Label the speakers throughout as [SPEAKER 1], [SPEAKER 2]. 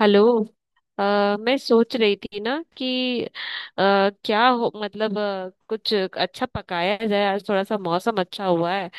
[SPEAKER 1] Hello. अ, मैं सोच रही थी ना कि अ, क्या हो, मतलब कुछ अच्छा पकाया जाए। आज थोड़ा सा मौसम अच्छा हुआ है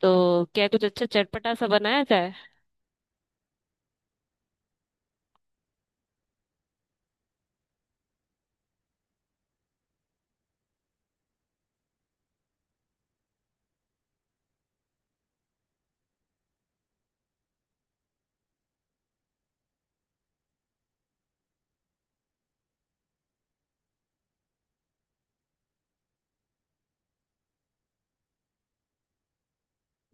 [SPEAKER 1] तो क्या कुछ अच्छा चटपटा सा बनाया जाए।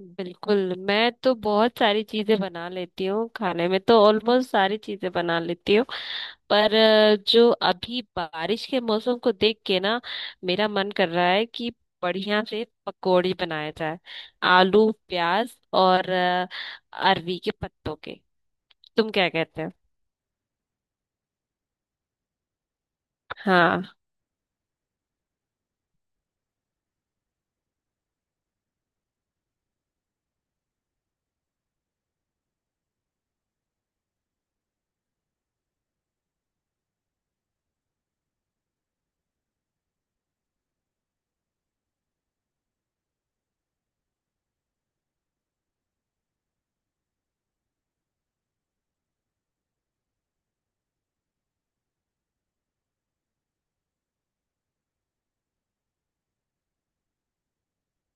[SPEAKER 1] बिल्कुल, मैं तो बहुत सारी चीजें बना लेती हूँ, खाने में तो ऑलमोस्ट सारी चीजें बना लेती हूँ। पर जो अभी बारिश के मौसम को देख के ना मेरा मन कर रहा है कि बढ़िया से पकौड़ी बनाया जाए। आलू, प्याज और अरवी के पत्तों के। तुम क्या कहते हो? हाँ।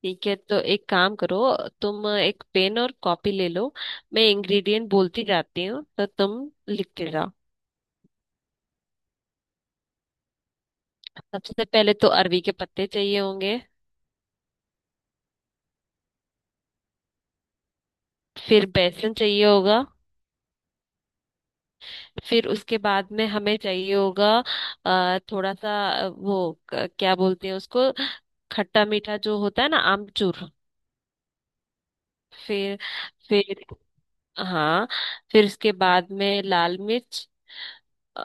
[SPEAKER 1] ठीक है तो एक काम करो, तुम एक पेन और कॉपी ले लो। मैं इंग्रेडिएंट बोलती जाती हूँ तो तुम लिखते जाओ। सबसे पहले तो अरवी के पत्ते चाहिए होंगे। फिर बेसन चाहिए होगा। फिर उसके बाद में हमें चाहिए होगा थोड़ा सा वो क्या बोलते हैं उसको, खट्टा मीठा जो होता है ना, आमचूर। फिर फिर हाँ, फिर उसके बाद में लाल मिर्च, अ,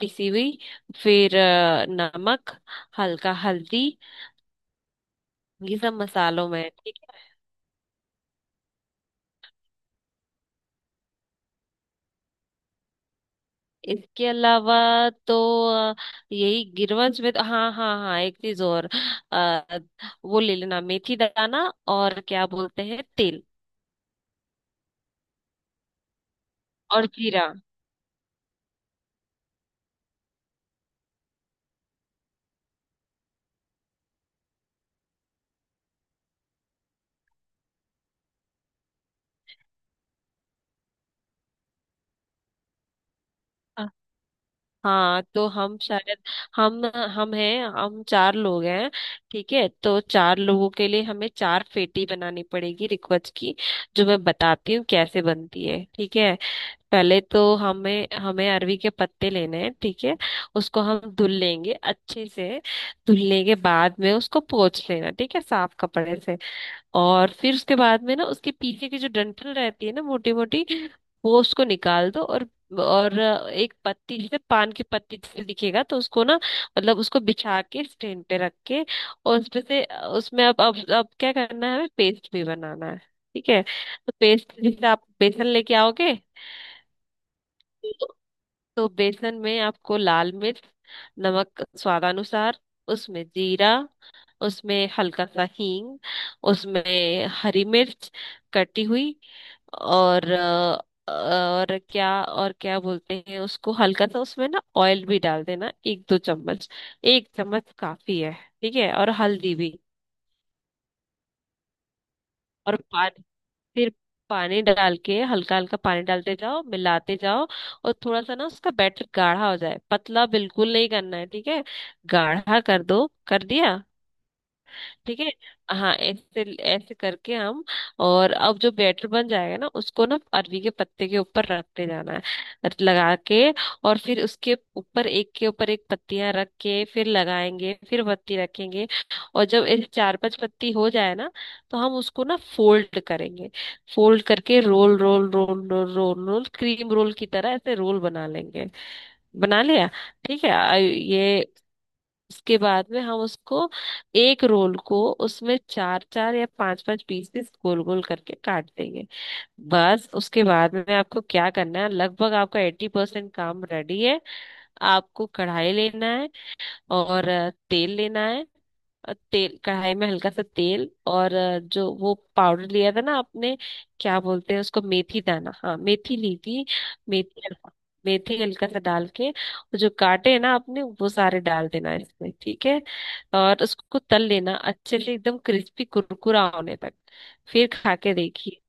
[SPEAKER 1] पिसी हुई। फिर नमक, हल्का हल्दी, ये सब मसालों में ठीक है। इसके अलावा तो अ, यही गिरवंश में, तो हाँ, हाँ, हाँ, एक चीज और, अ, वो ले लेना, मेथी दाना और क्या बोलते हैं, तेल, और जीरा। अ, हाँ तो हम शायद हम हम हैं, हम चार लोग हैं। ठीक है तो चार लोगों के लिए हमें चार फेटी बनानी पड़ेगी रिक्वेस्ट की। जो मैं बताती हूँ कैसे बनती है, ठीक है। पहले तो हमें हमें अरवी के पत्ते लेने हैं, ठीक है। उसको हम धुल लेंगे अच्छे से। धुलने के बाद में उसको पोंछ लेना, ठीक है, साफ कपड़े से। और फिर उसके बाद में ना उसके पीछे की जो डंठल रहती है ना, मोटी मोटी, वो उसको निकाल दो। और एक पत्ती जैसे, पान की पत्ती जैसे दिखेगा, तो उसको ना मतलब उसको बिछा के स्टैंड पे रख के, और उसमें से, उसमें अब क्या करना है, हमें पेस्ट भी बनाना है। ठीक है तो पेस्ट, जैसे आप बेसन लेके आओगे तो बेसन में आपको लाल मिर्च, नमक स्वादानुसार, उसमें जीरा, उसमें हल्का सा हींग, उसमें हरी मिर्च कटी हुई, और और क्या बोलते हैं उसको, हल्का सा उसमें ना ऑयल भी डाल देना, एक दो चम्मच, एक चम्मच काफी है, ठीक है, और हल्दी भी। और फिर पानी डाल के, हल्का हल्का पानी डालते जाओ, मिलाते जाओ, और थोड़ा सा ना उसका बैटर गाढ़ा हो जाए, पतला बिल्कुल नहीं करना है, ठीक है, गाढ़ा कर दो, कर दिया, ठीक है। हाँ, ऐसे, ऐसे करके हम, और अब जो बैटर बन जाएगा ना उसको ना अरवी के पत्ते के ऊपर रखते जाना है, लगा के। और फिर उसके ऊपर एक के ऊपर एक पत्तियां रख के फिर लगाएंगे, फिर पत्ती रखेंगे। और जब ऐसे चार पांच पत्ती हो जाए ना तो हम उसको ना फोल्ड करेंगे। फोल्ड करके, roll, roll roll roll roll roll, cream roll की तरह ऐसे रोल बना लेंगे। बना लिया, ठीक है। ये, उसके बाद में हम उसको, एक रोल को, उसमें चार चार या पांच पांच पीस पीस गोल गोल करके काट देंगे। बस उसके बाद में आपको क्या करना है, लगभग आपका एट्टी परसेंट काम रेडी है। आपको कढ़ाई लेना है और तेल लेना है। तेल कढ़ाई में, हल्का सा तेल, और जो वो पाउडर लिया था ना आपने, क्या बोलते हैं उसको, मेथी दाना, हाँ मेथी ली थी, मेथी हल्का, मेथी हल्का सा डाल के वो जो काटे हैं ना आपने वो सारे डाल देना है इसमें, ठीक है। और उसको तल लेना अच्छे से, एकदम क्रिस्पी कुरकुरा होने तक। फिर खा के देखिए।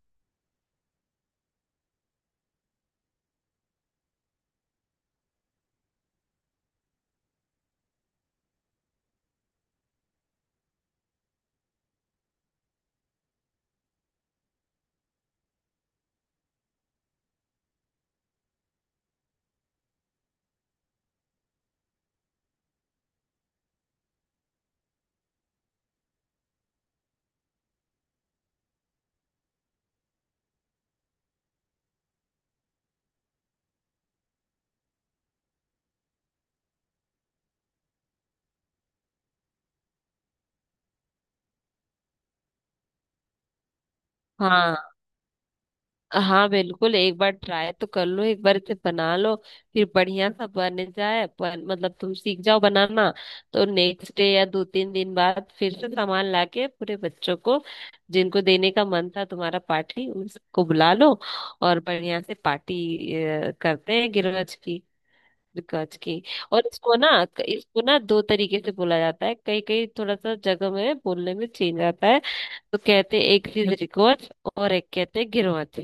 [SPEAKER 1] हाँ। हाँ बिल्कुल, एक बार ट्राई तो कर लो, एक बार इसे बना लो, फिर बढ़िया सा बन जाए, मतलब तुम सीख जाओ बनाना। तो नेक्स्ट डे या दो तीन दिन बाद फिर से सामान लाके पूरे बच्चों को, जिनको देने का मन था तुम्हारा, पार्टी उसको बुला लो, और बढ़िया से पार्टी करते हैं, गिरवज की। गज की। और इसको ना, इसको ना दो तरीके से बोला जाता है, कई कई थोड़ा सा जगह में बोलने में चेंज आता है, तो कहते हैं एक चीज रिकॉर्ड, और एक कहते हैं गिरवज।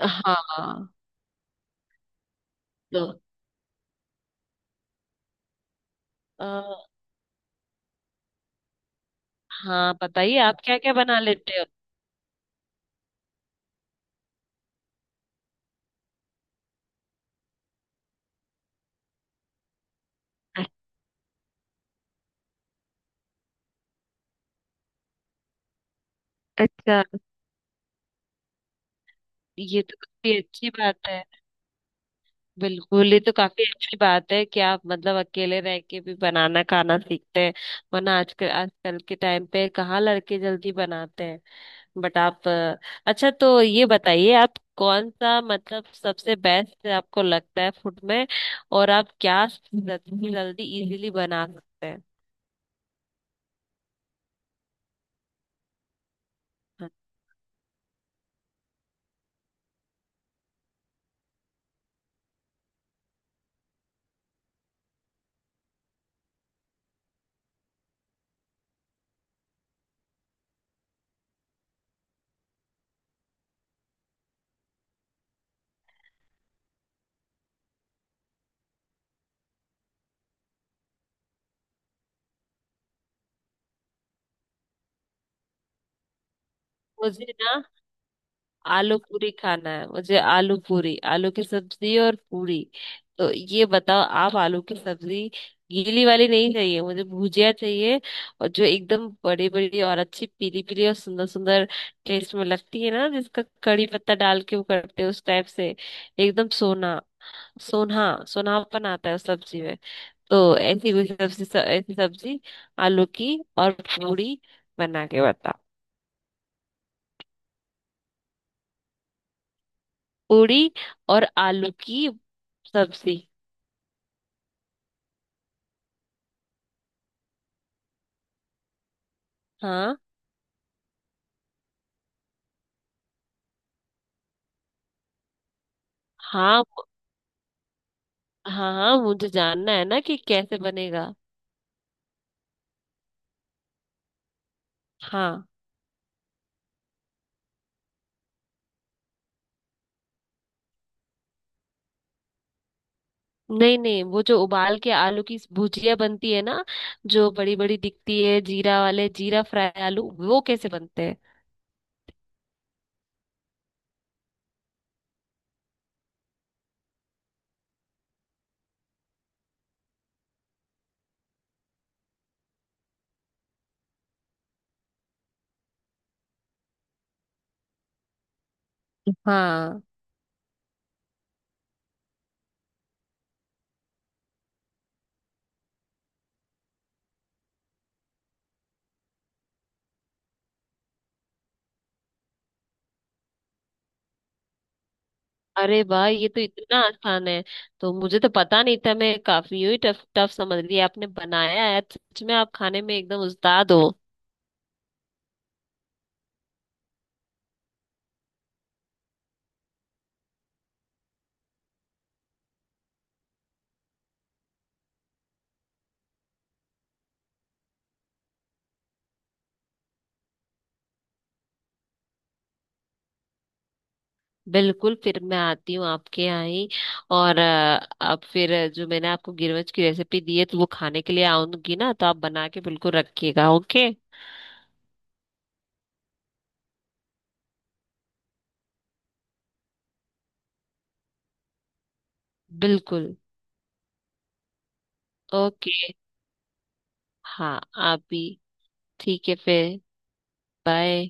[SPEAKER 1] हाँ तो आ, हाँ, बताइए आप क्या क्या बना लेते हो। अच्छा, ये तो काफी अच्छी बात है। बिल्कुल, ये तो काफी अच्छी बात है कि आप मतलब अकेले रह के भी बनाना खाना सीखते हैं। वरना आजकल, आजकल के टाइम पे कहाँ लड़के जल्दी बनाते हैं। बट आप अच्छा तो ये बताइए, आप कौन सा, मतलब सबसे बेस्ट आपको लगता है फूड में, और आप क्या जल्दी जल्दी इजीली बना सकते हैं। मुझे ना आलू पूरी खाना है, मुझे आलू पूरी, आलू की सब्जी और पूरी। तो ये बताओ आप, आलू की सब्जी, गीली वाली नहीं चाहिए मुझे, भुजिया चाहिए, और जो एकदम बड़ी बड़ी और अच्छी पीली पीली और सुंदर सुंदर टेस्ट में लगती है ना, जिसका कड़ी पत्ता डाल के वो करते हैं, उस टाइप से, एकदम सोना, सोना, सोनापन आता है उस सब्जी में। तो ऐसी कोई सब्जी, ऐसी सब्जी, आलू की, और पूरी, बना के बताओ। पूरी, और आलू की सब्जी। हाँ, हाँ, हाँ, हाँ, मुझे जानना है ना कि कैसे बनेगा। हाँ। नहीं, नहीं, वो जो उबाल के आलू की भुजिया बनती है ना, जो बड़ी बड़ी दिखती है जीरा वाले, जीरा फ्राई आलू, वो कैसे बनते हैं? हाँ। अरे वाह, ये तो इतना आसान है। तो मुझे तो पता नहीं था, मैं काफी यू टफ टफ समझ रही, आपने बनाया है सच में, आप खाने में एकदम उस्ताद हो। बिल्कुल, फिर मैं आती हूँ आपके यहाँ ही। और अब फिर जो मैंने आपको गिरवच की रेसिपी दी है तो वो खाने के लिए आऊंगी ना तो आप बना के बिल्कुल रखिएगा, ओके। बिल्कुल। ओके। हाँ। आप भी। ठीक है फिर। बाय।